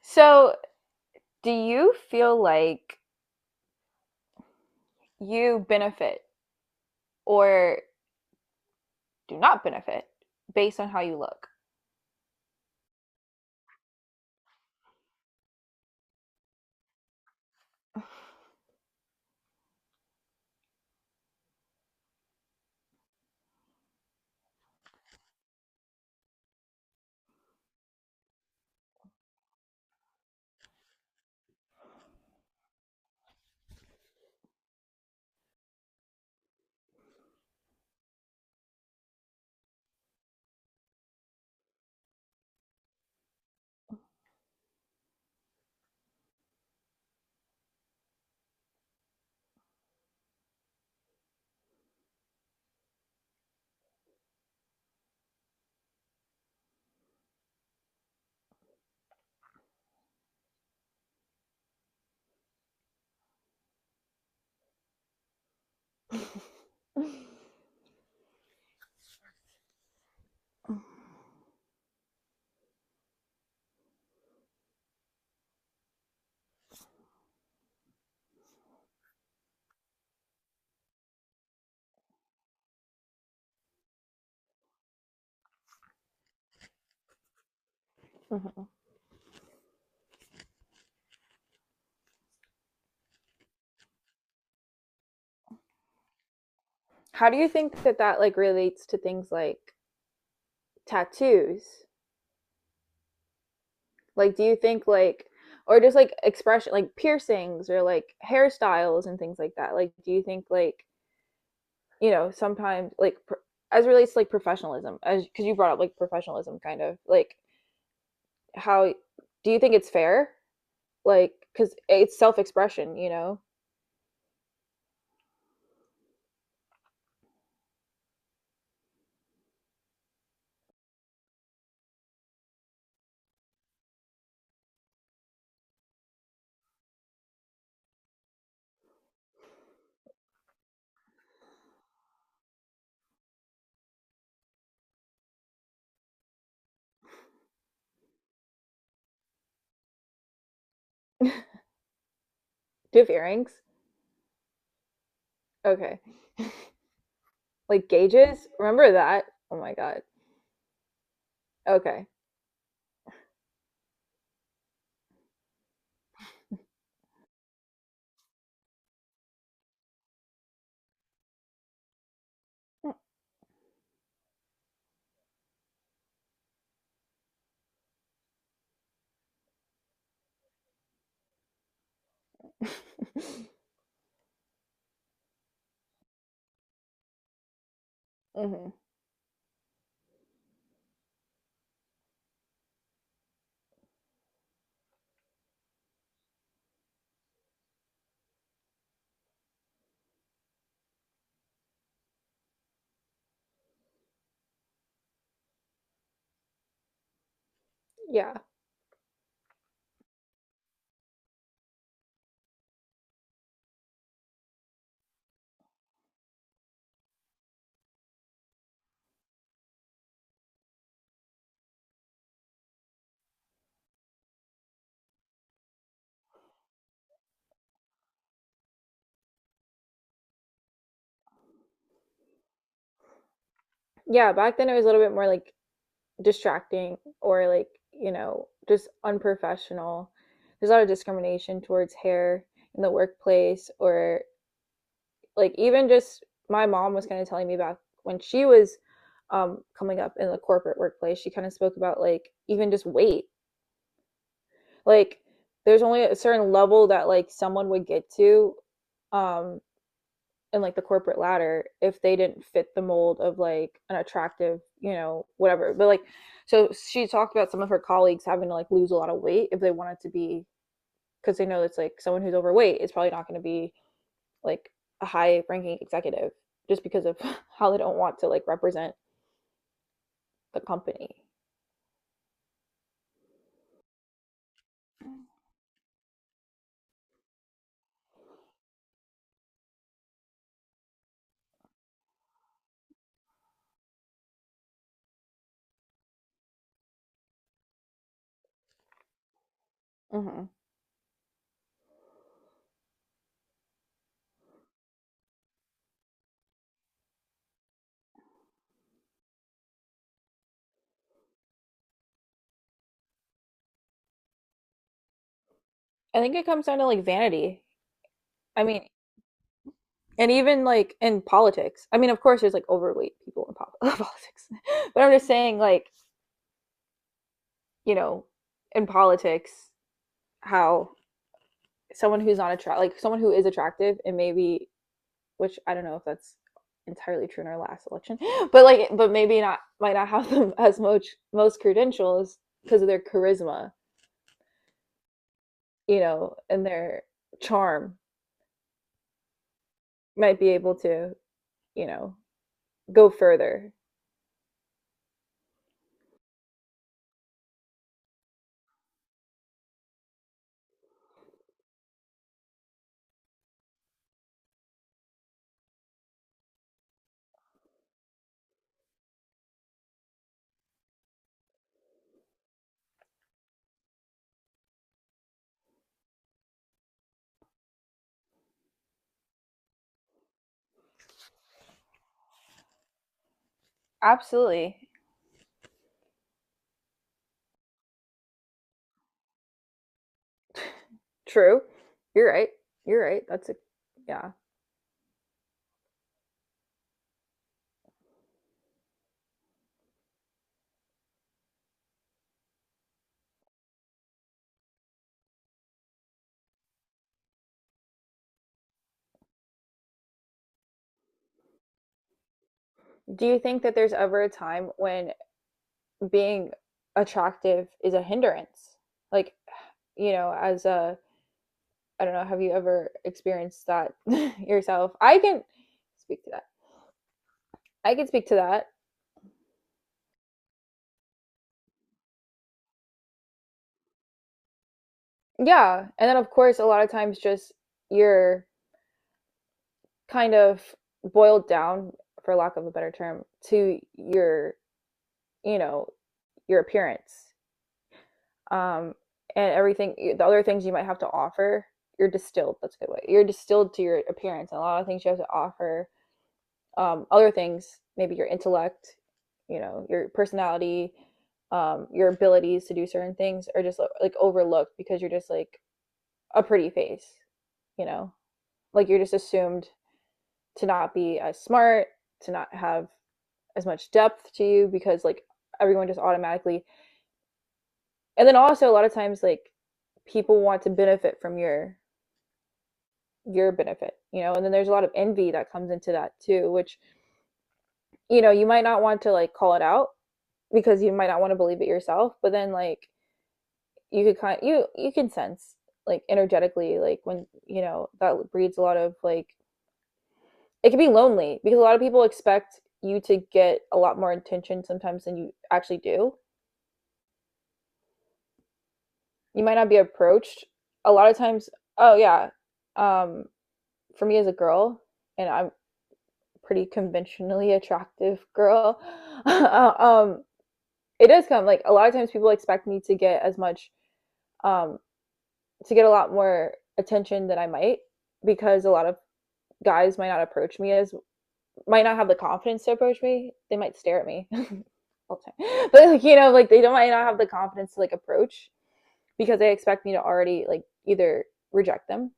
So, do you feel like you benefit or do not benefit based on how you look? Mhm. How do you think that that relates to things like tattoos? Like, do you think like, or just like expression, like piercings or like hairstyles and things like that? Like, do you think sometimes as relates to like professionalism, as because you brought up like professionalism kind of like how do you think it's fair. Like, because it's self expression, you know? Do you have earrings? Okay. Like gauges? Remember that? Oh my God. Okay. hmm Yeah. Yeah. Back then it was a little bit more like distracting or like, you know, just unprofessional. There's a lot of discrimination towards hair in the workplace, or like even just my mom was kind of telling me about when she was coming up in the corporate workplace. She kind of spoke about like even just weight, like there's only a certain level that like someone would get to um and like the corporate ladder, if they didn't fit the mold of like an attractive, you know, whatever. But like, so she talked about some of her colleagues having to like lose a lot of weight if they wanted to be, because they know it's like someone who's overweight is probably not going to be like a high ranking executive just because of how they don't want to like represent the company. Mm-hmm. I think it comes down to like vanity. I mean, and even like in politics. I mean, of course, there's like overweight people politics, but I'm just saying, like, you know, in politics, how someone who's not attract like someone who is attractive and maybe, which I don't know if that's entirely true in our last election, but like but maybe not might not have them as much most credentials because of their charisma, you know, and their charm might be able to, you know, go further. Absolutely. True. You're right. You're right. That's a yeah. Do you think that there's ever a time when being attractive is a hindrance? Like, you know, as a I don't know. Have you ever experienced that yourself? I can speak to that. I can speak to that. Yeah. And then, of course, a lot of times just you're kind of boiled down, for lack of a better term, to your, you know, your appearance um, and everything, the other things you might have to offer. You're distilled. That's a good way. You're distilled to your appearance and a lot of things you have to offer other things, maybe your intellect, you know, your personality, your abilities to do certain things are just overlooked because you're just like a pretty face, you know, like you're just assumed to not be as smart, to not have as much depth to you because like everyone just automatically. And then also a lot of times like people want to benefit from your benefit, you know, and then there's a lot of envy that comes into that too, which, you know, you might not want to like call it out, because you might not want to believe it yourself, but then like you could kind of, you can sense like energetically like when you know that breeds a lot of like it can be lonely because a lot of people expect you to get a lot more attention sometimes than you actually do. You might not be approached a lot of times. Oh yeah. um for me as a girl, and I'm pretty conventionally attractive girl, um it does come like a lot of times people expect me to get as much um to get a lot more attention than I might, because a lot of guys might not approach me as might not have the confidence to approach me. They might stare at me all the time, but like, you know, like they don't might not have the confidence to like approach because they expect me to already like either reject them,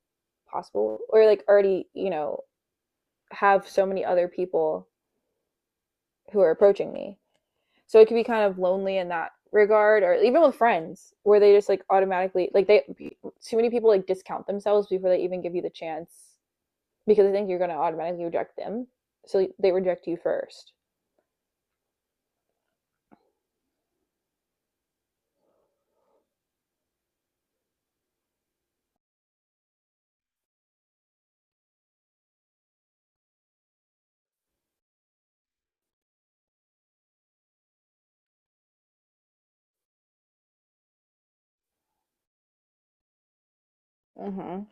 possible, or like already, you know, have so many other people who are approaching me. So it could be kind of lonely in that regard, or even with friends where they just like automatically like they too many people like discount themselves before they even give you the chance because I think you're going to automatically reject them. So they reject you first. hmm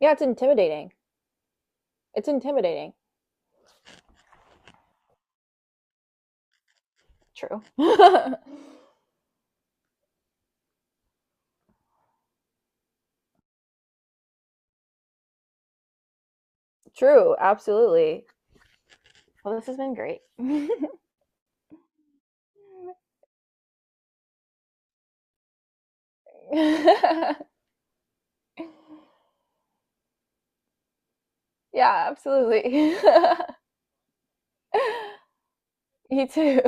Yeah, it's intimidating. It's intimidating. True. True, absolutely. Well, this has been great. Yeah, absolutely. You too.